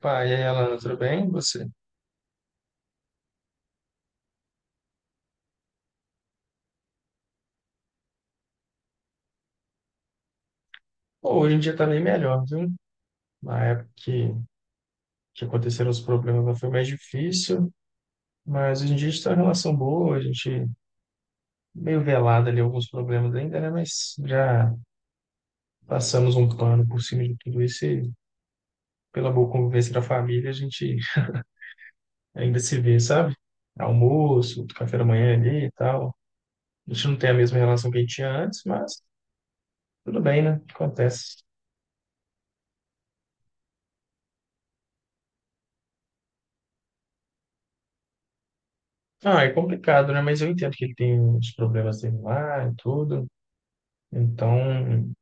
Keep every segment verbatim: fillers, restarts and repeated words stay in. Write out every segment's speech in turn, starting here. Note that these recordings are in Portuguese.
Pai, e aí, Alana, tudo bem? E você? Pô, hoje em dia tá bem melhor, viu? Na época que, que aconteceram os problemas lá foi mais difícil, mas hoje em dia a gente tá em uma relação boa, a gente meio velado ali alguns problemas ainda, né? Mas já passamos um pano por cima de tudo isso e pela boa convivência da família a gente ainda se vê, sabe? Almoço, café da manhã ali e tal. A gente não tem a mesma relação que a gente tinha antes, mas tudo bem, né? Acontece. Ah, é complicado, né? Mas eu entendo que ele tem uns problemas dele lá e tudo. Então,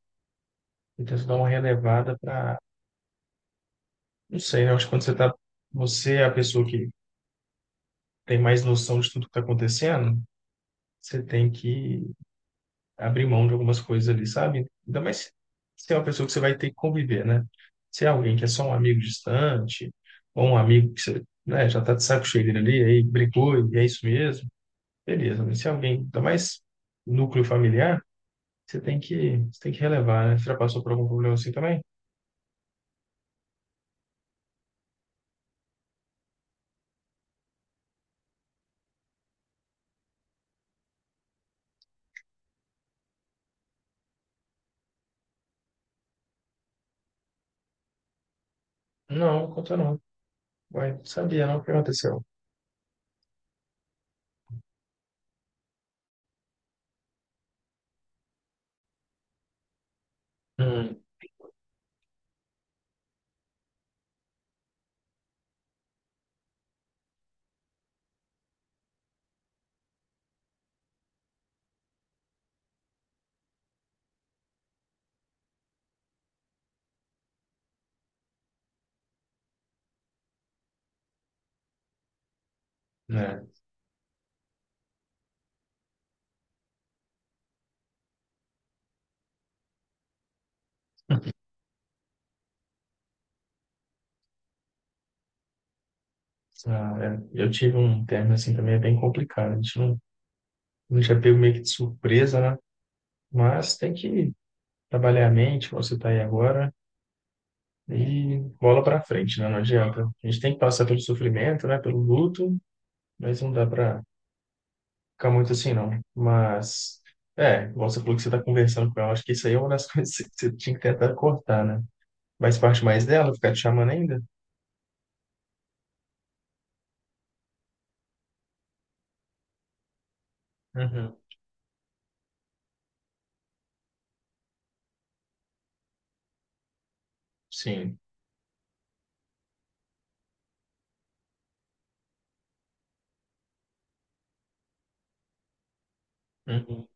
eu tento dar uma relevada para, não sei, né? Eu acho que quando você tá, você é a pessoa que tem mais noção de tudo que está acontecendo, você tem que abrir mão de algumas coisas ali, sabe? Ainda mais se se é uma pessoa que você vai ter que conviver, né? Se é alguém que é só um amigo distante, ou um amigo que você, né, já tá de saco cheio dele ali, aí brigou e é isso mesmo, beleza. Mas se é alguém, ainda mais núcleo familiar, você tem que, você tem que relevar, né? Você já passou por algum problema assim também? Não, conta não. Ué, não sabia não o que aconteceu. Hum, né? Ah, é. Eu tive um término assim também é bem complicado. A gente não, não já pego meio que de surpresa, né? Mas tem que trabalhar a mente, como você está aí agora, e bola para frente, né? Não adianta. A gente tem que passar pelo sofrimento, né? Pelo luto, mas não dá para ficar muito assim, não. Mas, é, igual você falou que você está conversando com ela, acho que isso aí é uma das coisas que você tinha que tentar cortar, né? Mas parte mais dela, ficar te chamando ainda? Uhum. Sim. Uhum.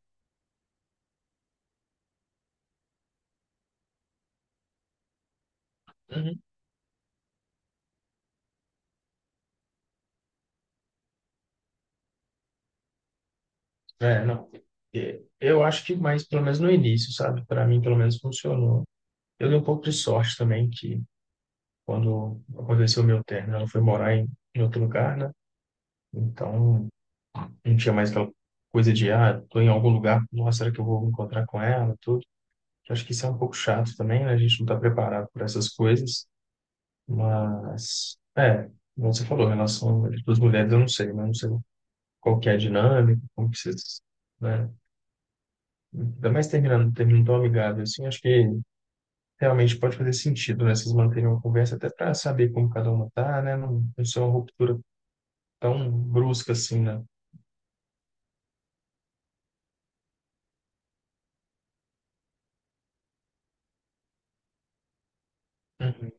Uhum. É, não. É, Eu acho que mais, pelo menos no início, sabe? Para mim, pelo menos funcionou. Eu dei um pouco de sorte também, que quando aconteceu o meu término, ela foi morar em, em outro lugar, né? Então, não tinha mais aquela coisa de, ah, tô em algum lugar, nossa, será que eu vou encontrar com ela, tudo. Eu acho que isso é um pouco chato também, né? A gente não tá preparado para essas coisas, mas, é, como você falou, em relação às duas mulheres, eu não sei, né? Eu não sei qual que é a dinâmica, como que vocês, né? Ainda mais terminando, terminando tão amigável assim, acho que realmente pode fazer sentido, né? Vocês manterem uma conversa até para saber como cada uma tá, né? Não, não ser uma ruptura tão brusca assim, né? Uhum.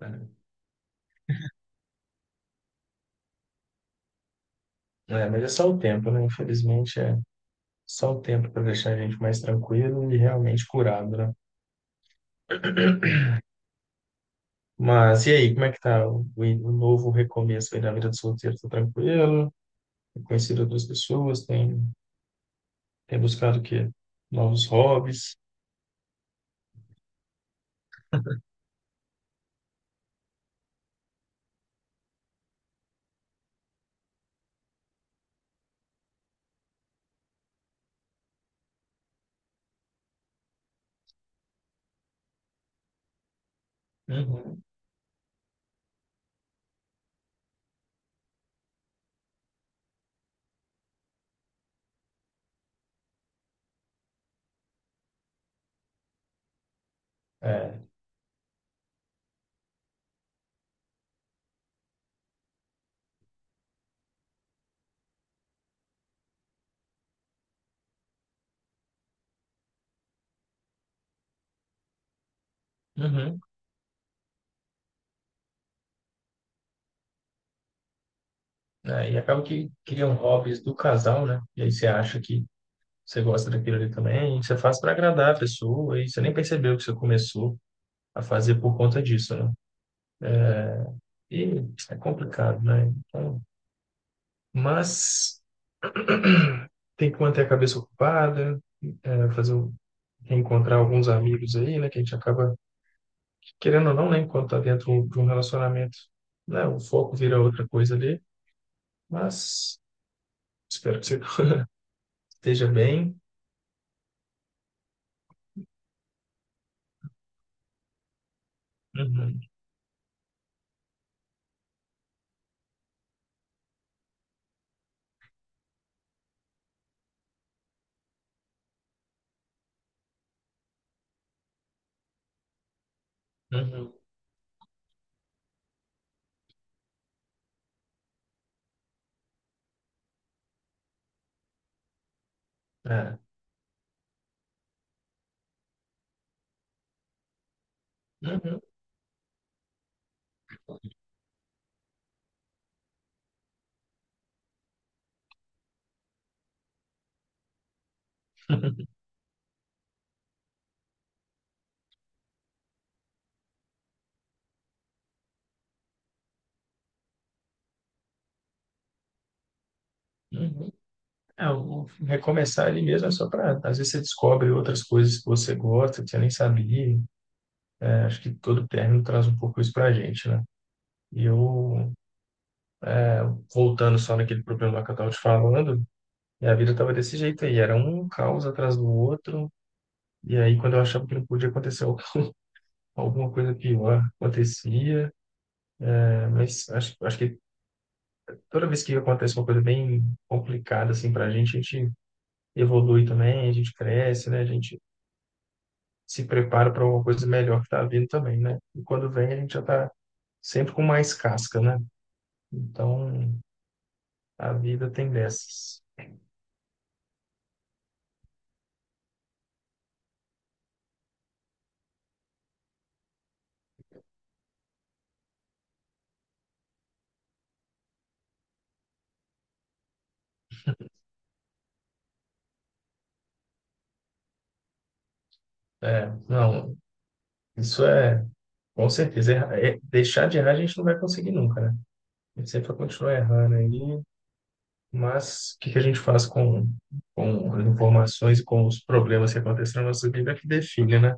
É, É, mas é só o tempo, né? Infelizmente é só o tempo para deixar a gente mais tranquilo e realmente curado, né? Mas e aí, como é que tá o, o o novo recomeço aí na vida de solteiro? Tá tranquilo? Tem conhecido outras pessoas? Tem, tem buscado o quê? Novos hobbies? Uhum. É. Uhum. Né? E acaba que criam hobbies do casal, né? E aí você acha que você gosta daquilo ali também, e você faz para agradar a pessoa, e você nem percebeu que você começou a fazer por conta disso, né? E é complicado, né? Então, mas tem que manter a cabeça ocupada, é, fazer o- reencontrar alguns amigos aí, né? Que a gente acaba, querendo ou não, né? Enquanto tá dentro de um relacionamento, né? O foco vira outra coisa ali, mas espero que você esteja bem. Uhum, uhum. É. Uhum, uhum. É, o o recomeçar ele mesmo é só para. Às vezes você descobre outras coisas que você gosta, que você nem sabia. Né? Acho que todo término traz um pouco isso para a gente, né? E eu, voltando só naquele problema lá que eu estava te falando, minha vida estava desse jeito aí. Era um caos atrás do outro. E aí, quando eu achava que não podia acontecer al- alguma coisa pior, acontecia. Né? Mas acho, acho que toda vez que acontece uma coisa bem complicada, assim, para a gente, a gente evolui também, a gente cresce, né? A gente se prepara para uma coisa melhor que está vindo também, né? E quando vem, a gente já está sempre com mais casca, né? Então, a vida tem dessas. É, não, isso é, com certeza, erra- é- deixar de errar a gente não vai conseguir nunca, né? A gente sempre vai continuar errando aí, mas o que que a gente faz com, com as informações e com os problemas que acontecem na nossa vida é que define, né?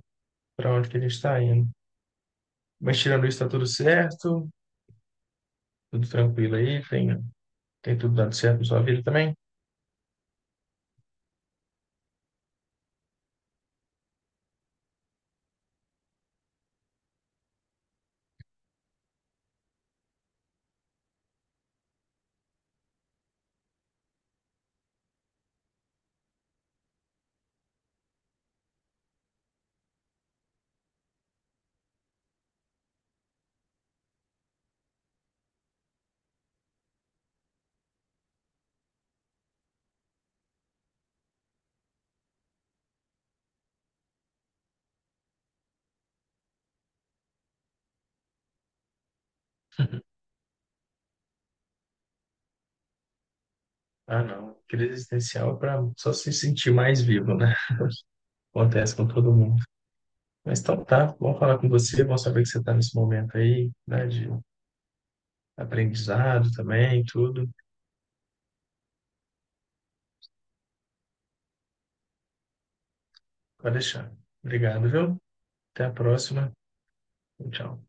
Para onde que a gente está indo. Mas tirando isso, está tudo certo, tudo tranquilo aí, tem, tem tudo dando certo na sua vida também? Ah, não. Crise existencial é para só se sentir mais vivo, né? Acontece com todo mundo. Mas então tá, bom falar com você, bom saber que você está nesse momento aí, né, de aprendizado também, tudo. Pode deixar. Obrigado, viu? Até a próxima. Tchau.